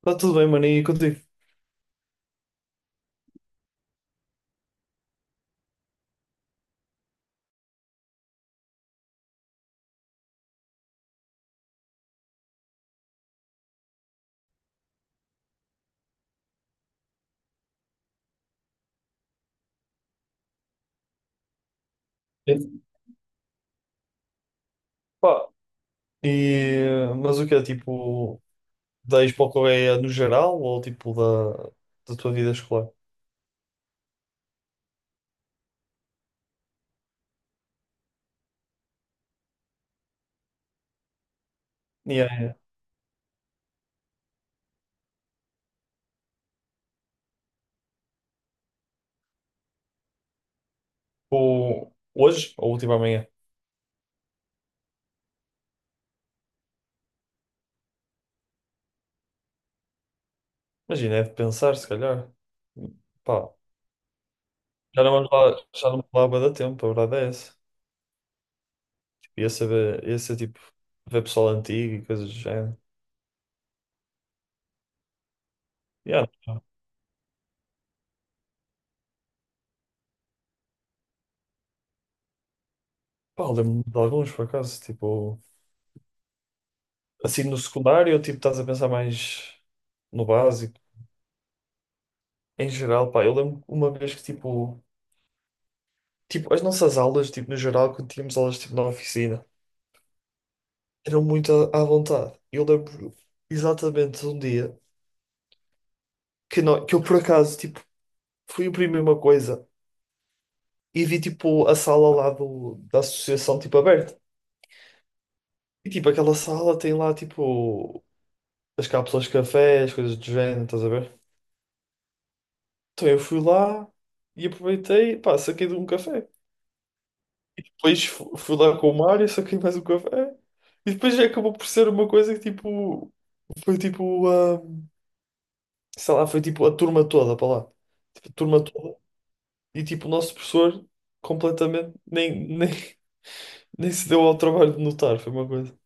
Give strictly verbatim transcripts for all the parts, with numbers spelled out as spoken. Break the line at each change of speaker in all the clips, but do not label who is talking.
Está tudo bem, mano, e contigo? Sim. Pá, E, mas o que é, tipo, da Expo Correia no geral ou, tipo, da, da tua vida escolar? E é, tipo, hoje ou, tipo, amanhã? Imagina, é de pensar, se calhar. Pá, já não vamos lá, já não vamos lá há bué de tempo, a verdade é essa. Tipo, ia saber, ia ser, tipo, ver pessoal antigo e coisas do género. Yeah. Pá, lembro-me de alguns, por acaso, tipo, assim, no secundário, tipo, estás a pensar mais no básico. Em geral, pá, eu lembro uma vez que, tipo, tipo, as nossas aulas, tipo, no geral, quando tínhamos aulas, tipo, na oficina, eram muito à, à vontade. Eu lembro exatamente de um dia que, nó- que eu, por acaso, tipo, fui imprimir uma coisa e vi, tipo, a sala lá do, da associação, tipo, aberta. E, tipo, aquela sala tem lá, tipo, as cápsulas de café, as coisas do género, estás a ver? Então eu fui lá e aproveitei, pá, saquei de um café. Depois fu- fui lá com o Mário, saquei mais um café. E depois já acabou por ser uma coisa que tipo. Foi tipo. Ah, sei lá, foi tipo a turma toda para lá. Tipo, a turma toda. E tipo, o nosso professor completamente nem, nem, nem se deu ao trabalho de notar. Foi uma coisa.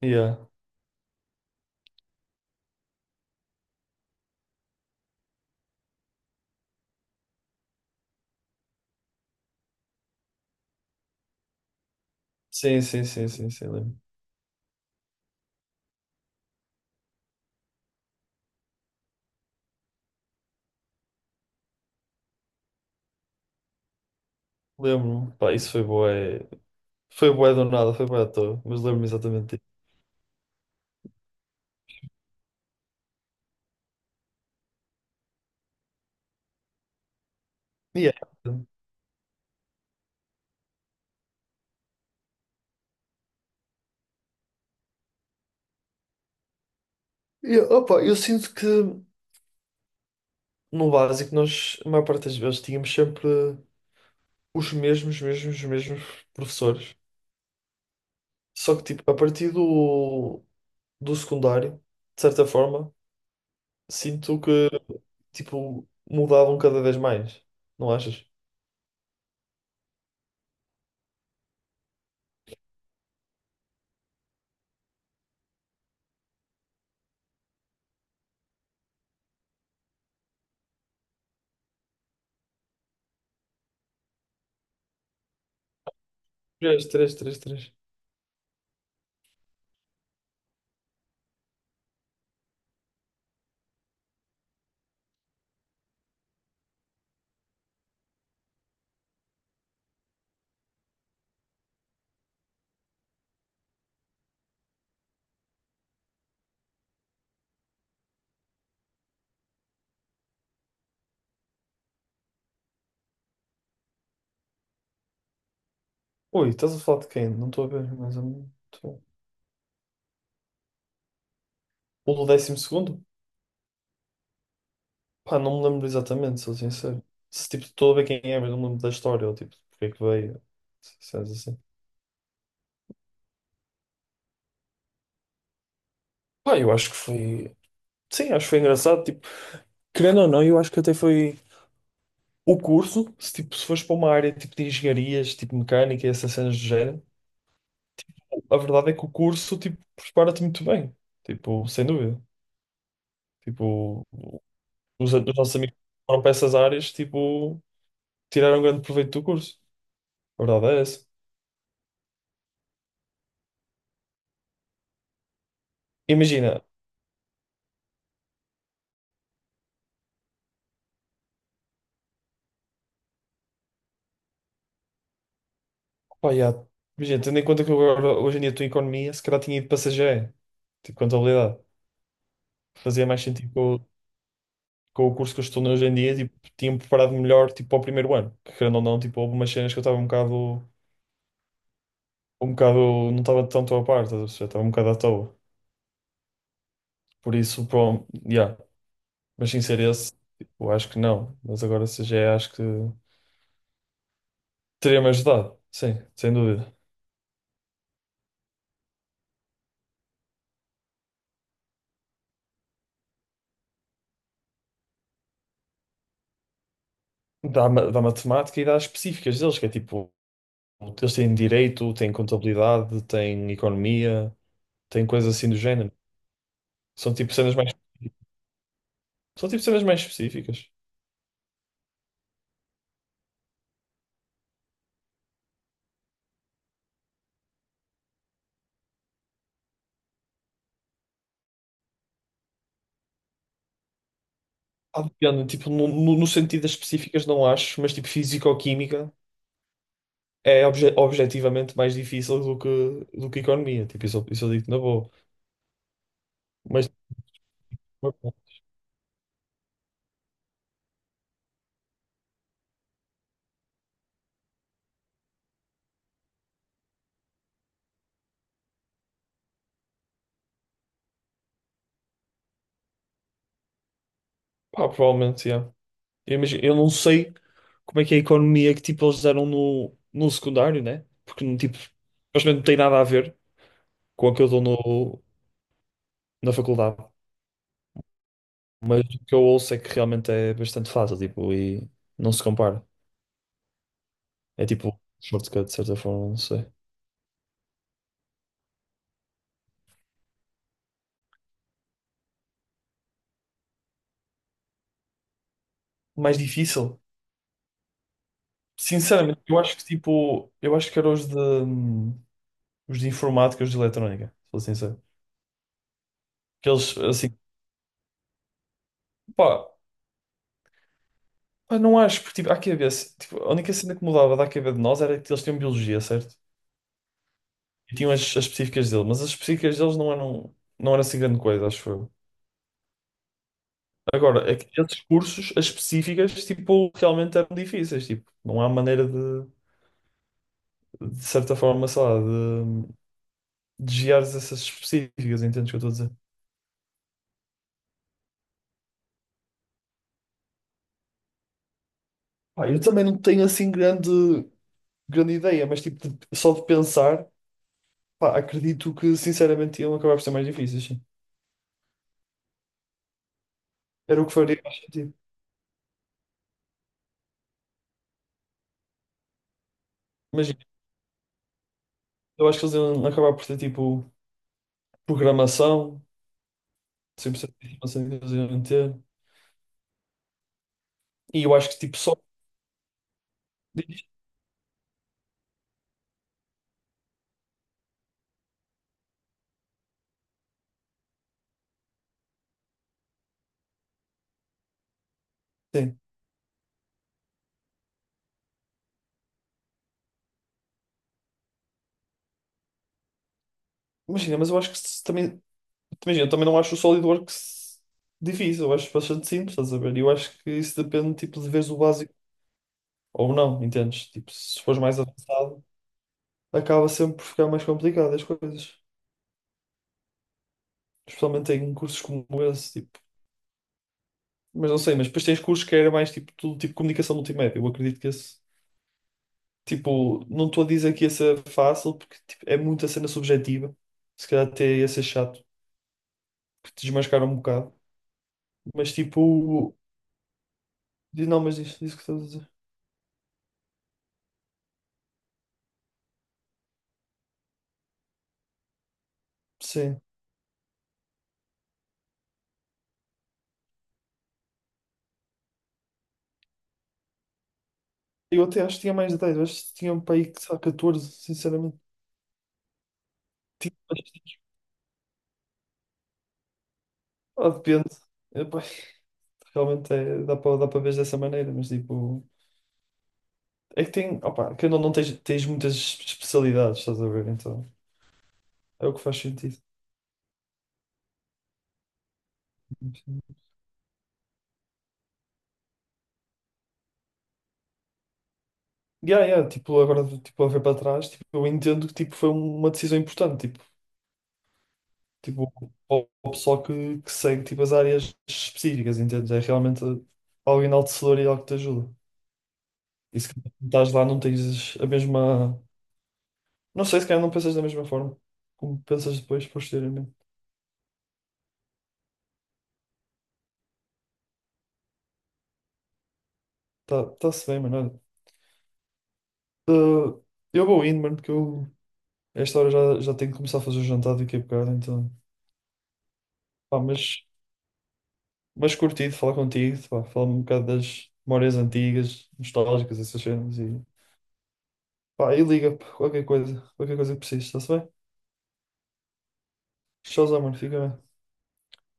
Yeah. Sim, sim, sim, sim, sim, lembro. Lembro-me. Pá, isso foi bué. Foi bué do nada, foi bué à toa. Mas lembro-me exatamente disso. Yeah. E, opa, eu sinto que no básico nós, a maior parte das vezes, tínhamos sempre os mesmos, mesmos, mesmos professores. Só que, tipo, a partir do, do secundário, de certa forma, sinto que, tipo, mudavam cada vez mais. Não achas? Três, três, três, três. Ui, estás a falar de quem? Não estou a ver, mas é muito... O do décimo segundo? Pá, não me lembro exatamente, sou sincero. Se, tipo, estou a ver quem é, mas não me lembro da história, ou, tipo, porque é que veio, cenas assim. Pá, eu acho que foi... Sim, acho que foi engraçado, tipo... Querendo ou não, eu acho que até foi o curso, se, tipo, se fores para uma área tipo de engenharias, tipo mecânica e essas cenas do género, a verdade é que o curso tipo, prepara-te muito bem, tipo, sem dúvida. Tipo, os, os nossos amigos que foram para essas áreas, tipo, tiraram grande proveito do curso. A verdade é essa. Imagina, opa, já, imagina, tendo em conta que eu agora, hoje em dia estou em economia, se calhar tinha ido para C G E, tipo, contabilidade. Fazia mais sentido com, o- com o curso que eu estou hoje em dia, tipo, tinha-me preparado melhor, tipo, para o primeiro ano. Que, querendo ou não, tipo, houve umas cenas que eu estava um bocado um bocado, não estava tanto a parte, estás a perceber? Estava um bocado à toa. Por isso, pronto, yeah. Mas sem ser esse, eu acho que não. Mas agora se C G E acho que teria-me ajudado, sim, sem dúvida. Da, ma- da matemática e das específicas deles, que é tipo, eles têm direito, têm contabilidade, têm economia, têm coisas assim do género. São tipo cenas mais, são tipo cenas mais específicas. Ah, depende, tipo, no, no, no sentido das específicas não acho, mas tipo físico-química. É obje- objetivamente mais difícil do que, do que economia. Tipo, isso, eu- isso eu digo na boa. Mas, pá, provavelmente, yeah. Eu, imagino- eu não sei como é que é a economia que, tipo, eles deram no, no secundário, né? Porque, tipo, supostamente não tem nada a ver com o que eu dou no, na faculdade. Mas o que eu ouço é que realmente é bastante fácil, tipo, e não se compara. É tipo, shortcut, de certa forma, não sei. Mais difícil? Sinceramente, eu acho que, tipo, eu acho que era os de... hum, os de informática e os de eletrónica, se for sincero. Que eles, assim, pá, eu não acho, porque, tipo, à cabeça, tipo, a única cena que mudava da cabeça de nós era que eles tinham biologia, certo? E tinham as, as específicas deles, mas as específicas deles não eram, não era assim grande coisa, acho eu. Agora, aqueles cursos, as específicas, tipo, realmente eram difíceis, tipo, não há maneira de, de certa forma, sei lá, de, de desviares essas específicas, entendes o que eu estou a dizer? Pá, eu também não tenho assim grande, grande ideia, mas tipo, de- só de pensar. Pá, acredito que sinceramente iam acabar por ser mais difíceis, sim. Era o que faria mais sentido. Imagina, eu acho que eles iam acabar por ter tipo programação, cem por cento de informação que eles iam ter. E eu acho que tipo só. Sim. Imagina, mas eu acho que se também. Imagina, eu também não acho o SolidWorks difícil, eu acho bastante simples, estás a ver? E eu acho que isso depende tipo de veres o básico ou não, entendes? Tipo, se fores mais avançado, acaba sempre por ficar mais complicado as coisas. Especialmente em cursos como esse, tipo. Mas não sei, mas depois tens cursos que era mais tipo, tudo tipo comunicação multimédia. Eu acredito que esse, tipo, não estou a dizer que ia ser fácil, porque tipo, é muita cena subjetiva. Se calhar até ia ser chato, que te desmascaram um bocado. Mas tipo, diz- não, mas diz, diz o que estás a dizer. Sim. Eu até acho que tinha mais de dez, acho que tinha um para aí que só catorze sinceramente. Tipo, mas, ah, depende. Epá, realmente é, dá para dá para ver dessa maneira, mas tipo, é que tem, opa, que não, não tens, tens muitas especialidades, estás a ver? Então, é o que faz sentido. Yeah, yeah, tipo, agora, tipo, a ver para trás, tipo, eu entendo que, tipo, foi uma decisão importante, tipo, tipo, ao ao pessoal que, que segue, tipo, as áreas específicas, entende? É realmente algo enaltecedor e algo que te ajuda. E se calhar quando estás lá não tens a mesma... Não sei, se calhar não pensas da mesma forma como pensas depois, posteriormente. Tá, tá-se bem, mano, olha. Uh, eu vou indo, mano, porque eu, a esta hora já, já tenho que começar a fazer o jantar daqui a bocado, então... Pá, mas Mas curti de falar contigo, pá, falar-me um bocado das memórias antigas, nostálgicas, essas cenas e, pá, e liga, pá, qualquer coisa, qualquer coisa que precises, está-se bem? Tchauzão, mano, fica bem.